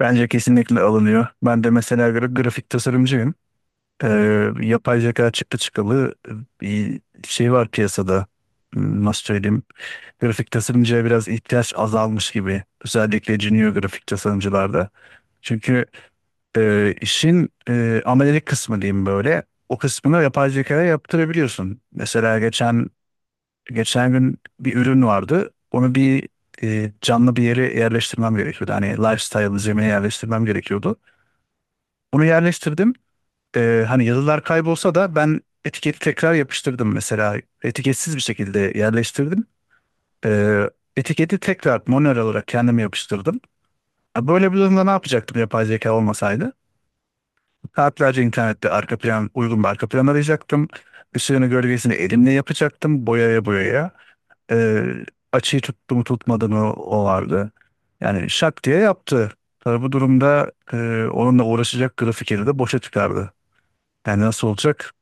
Bence kesinlikle alınıyor. Ben de mesela grafik tasarımcıyım. Ee, yapay zeka çıktı çıkalı bir şey var piyasada. Nasıl söyleyeyim? Grafik tasarımcıya biraz ihtiyaç azalmış gibi. Özellikle junior grafik tasarımcılarda. Çünkü işin amelelik kısmı diyeyim böyle. O kısmını yapay zekaya yaptırabiliyorsun. Mesela geçen gün bir ürün vardı. Onu bir canlı bir yere yerleştirmem gerekiyordu. Hani lifestyle zemine yerleştirmem gerekiyordu. Bunu yerleştirdim. Hani yazılar kaybolsa da ben etiketi tekrar yapıştırdım mesela. Etiketsiz bir şekilde yerleştirdim. Ee, etiketi tekrar manuel olarak kendime yapıştırdım. Ha, böyle bir durumda ne yapacaktım yapay zeka olmasaydı? Saatlerce internette arka plan, uygun bir arka plan arayacaktım. Işığını gölgesini elimle yapacaktım boyaya boyaya. Ee, açıyı tuttu mu tutmadı mı o vardı. Yani şak diye yaptı. Tabii bu durumda onunla uğraşacak grafikeri de boşa çıkardı. Yani nasıl olacak?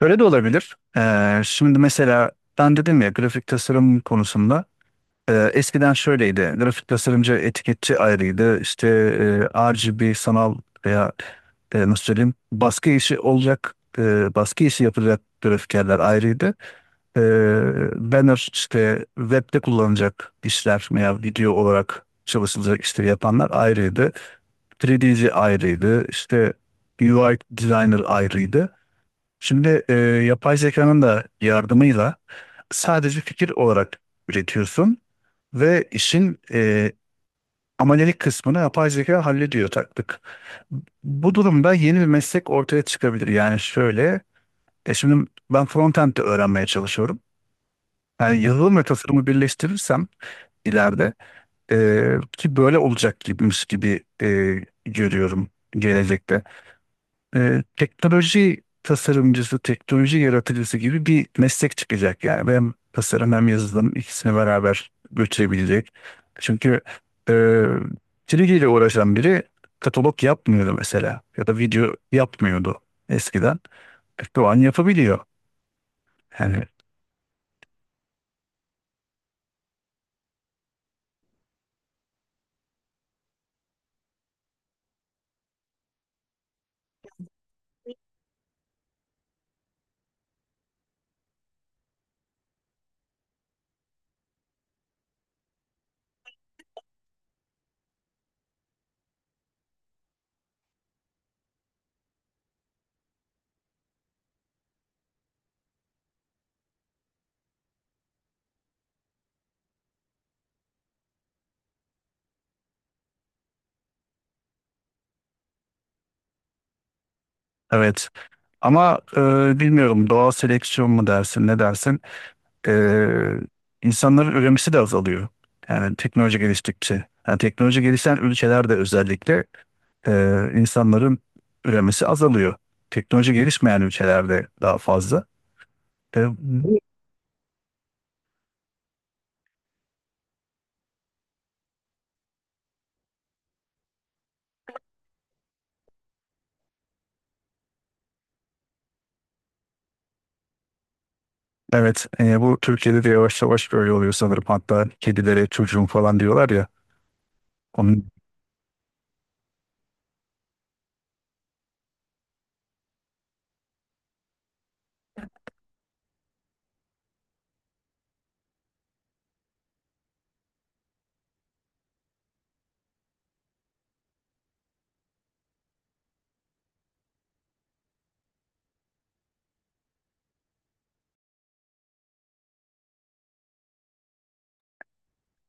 Öyle de olabilir. Şimdi mesela ben dedim ya grafik tasarım konusunda eskiden şöyleydi. Grafik tasarımcı etiketçi ayrıydı. İşte RGB sanal veya nasıl söyleyeyim baskı işi olacak baskı işi yapılacak grafikerler ayrıydı. E, banner işte webde kullanılacak işler veya video olarak çalışılacak işleri yapanlar ayrıydı. 3D'ci ayrıydı. İşte UI designer ayrıydı. Şimdi yapay zekanın da yardımıyla sadece fikir olarak üretiyorsun ve işin amelelik kısmını yapay zeka hallediyor taktık. Bu durumda yeni bir meslek ortaya çıkabilir. Yani şöyle, şimdi ben frontend de öğrenmeye çalışıyorum. Yani yazılım ve tasarımı birleştirirsem ileride ki böyle olacak gibimiz gibi görüyorum gelecekte. Teknoloji tasarımcısı, teknoloji yaratıcısı gibi bir meslek çıkacak. Yani hem tasarım hem yazılım ikisini beraber götürebilecek. Çünkü e, çizgiyle uğraşan biri katalog yapmıyordu mesela ya da video yapmıyordu eskiden. Şu an yapabiliyor. Yani evet. Ama bilmiyorum doğal seleksiyon mu dersin ne dersin? Ee, insanların üremesi de azalıyor. Yani teknoloji geliştikçe. Yani teknoloji gelişen ülkelerde özellikle e, insanların üremesi azalıyor. Teknoloji gelişmeyen ülkelerde daha fazla. E, bu- evet, bu Türkiye'de de yavaş yavaş böyle oluyor sanırım. Hatta kedilere çocuğum falan diyorlar ya. Onun,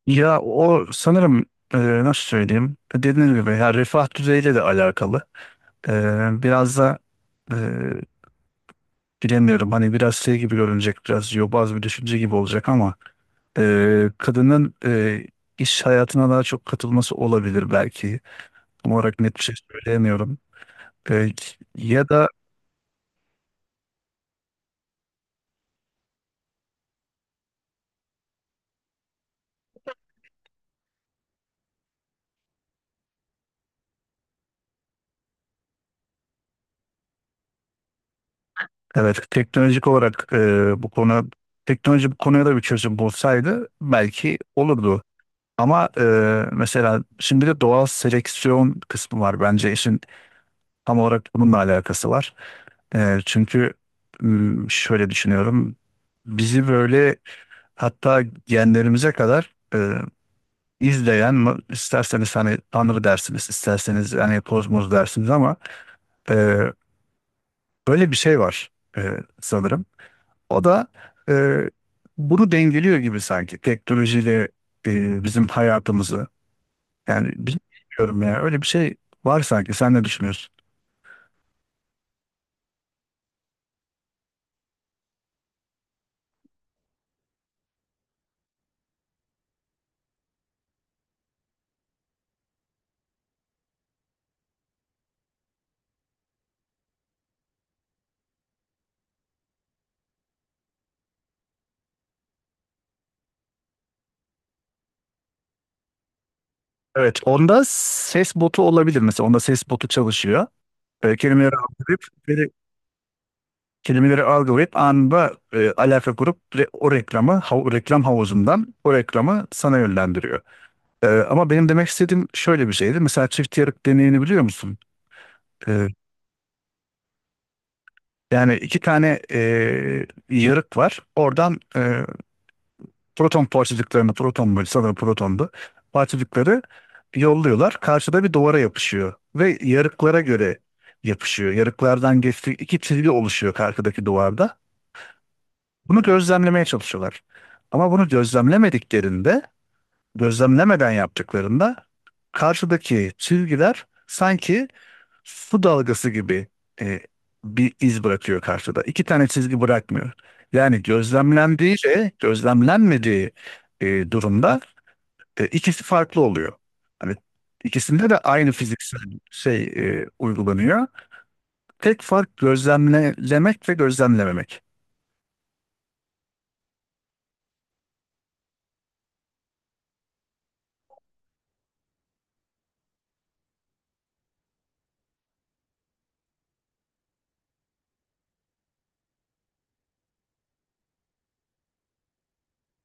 ya o sanırım e, nasıl söyleyeyim? Dediğim gibi ya refah düzeyiyle de alakalı. E, biraz da e, bilemiyorum. Hani biraz şey gibi görünecek, biraz yobaz bir düşünce gibi olacak ama kadının iş hayatına daha çok katılması olabilir belki. Tam olarak net bir şey söyleyemiyorum. E, ya da Evet, teknolojik olarak bu konu teknoloji bu konuya da bir çözüm bulsaydı belki olurdu. Ama mesela şimdi de doğal seleksiyon kısmı var. Bence işin tam olarak bununla alakası var. Çünkü şöyle düşünüyorum. Bizi böyle Hatta genlerimize kadar izleyen isterseniz hani Tanrı dersiniz, isterseniz hani kozmos dersiniz ama e, böyle bir şey var sanırım. O da e, bunu dengeliyor gibi sanki teknolojiyle bizim hayatımızı. Yani bilmiyorum ya öyle bir şey var sanki. Sen ne düşünüyorsun? Evet, onda ses botu olabilir mesela. Onda ses botu çalışıyor. E, kelimeleri algılayıp Kelimeleri algılayıp anında alaka kurup o reklamı reklam havuzundan o reklamı sana yönlendiriyor. Ama benim demek istediğim şöyle bir şeydi. Mesela çift yarık deneyini biliyor musun? E, yani iki tane yarık var. Oradan proton parçacıklarını, proton böyle sanırım protondu. Parçacıkları yolluyorlar. Karşıda bir duvara yapışıyor. Ve yarıklara göre yapışıyor. Yarıklardan geçtiği iki çizgi oluşuyor karşıdaki duvarda. Bunu gözlemlemeye çalışıyorlar. Ama bunu gözlemlemediklerinde, gözlemlemeden yaptıklarında karşıdaki çizgiler sanki su dalgası gibi e, bir iz bırakıyor karşıda. İki tane çizgi bırakmıyor. Yani gözlemlendiği ile gözlemlenmediği durumda ikisi farklı oluyor. Hani ikisinde de aynı fiziksel şey uygulanıyor. Tek fark gözlemlemek ve gözlemlememek.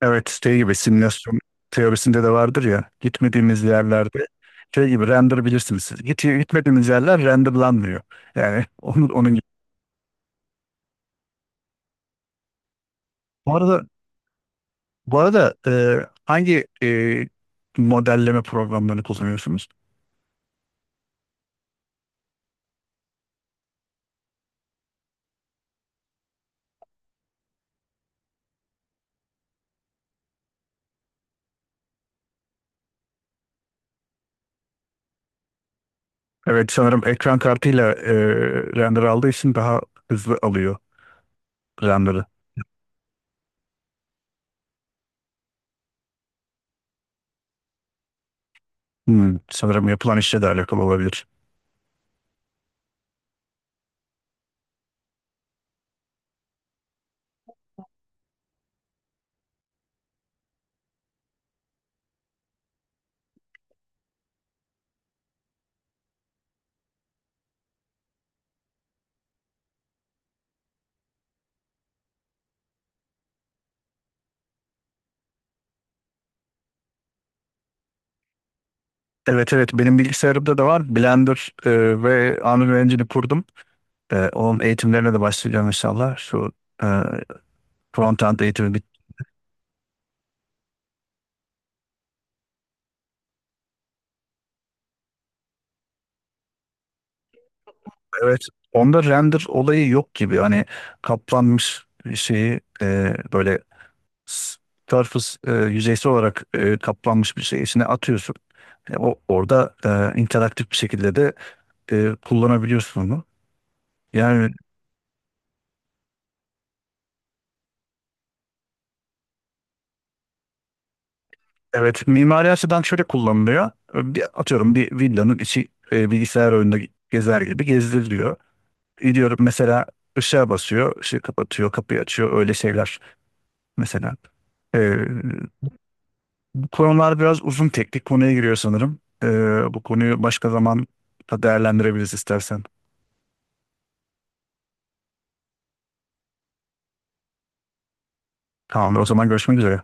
Evet, şey gibi simülasyon teorisinde de vardır ya gitmediğimiz yerlerde şey gibi render bilirsiniz siz. Gitmediğimiz yerler renderlanmıyor. Yani onun gibi. Bu arada, bu arada, hangi modelleme programlarını kullanıyorsunuz? Evet sanırım ekran kartıyla render aldığı için daha hızlı alıyor render'ı. Sanırım yapılan işle de alakalı olabilir. Evet, evet benim bilgisayarımda da var. Blender ve Unreal Engine'i kurdum. Onun eğitimlerine de başlayacağım inşallah. Şu e, front-end eğitimi. Evet, onda render olayı yok gibi. Hani kaplanmış bir şeyi böyle s- surface yüzeysel olarak kaplanmış bir şey içine atıyorsun. O orada interaktif bir şekilde de kullanabiliyorsun onu. Yani evet, mimari açıdan şöyle kullanılıyor. Atıyorum bir villanın içi bilgisayar oyununda gezer gibi gezdiriliyor. Gidiyorum mesela ışığa basıyor, ışığı kapatıyor, kapıyı açıyor öyle şeyler mesela. E, Konular biraz uzun teknik konuya giriyor sanırım. Bu konuyu başka zaman da değerlendirebiliriz istersen. Tamamdır, o zaman görüşmek üzere.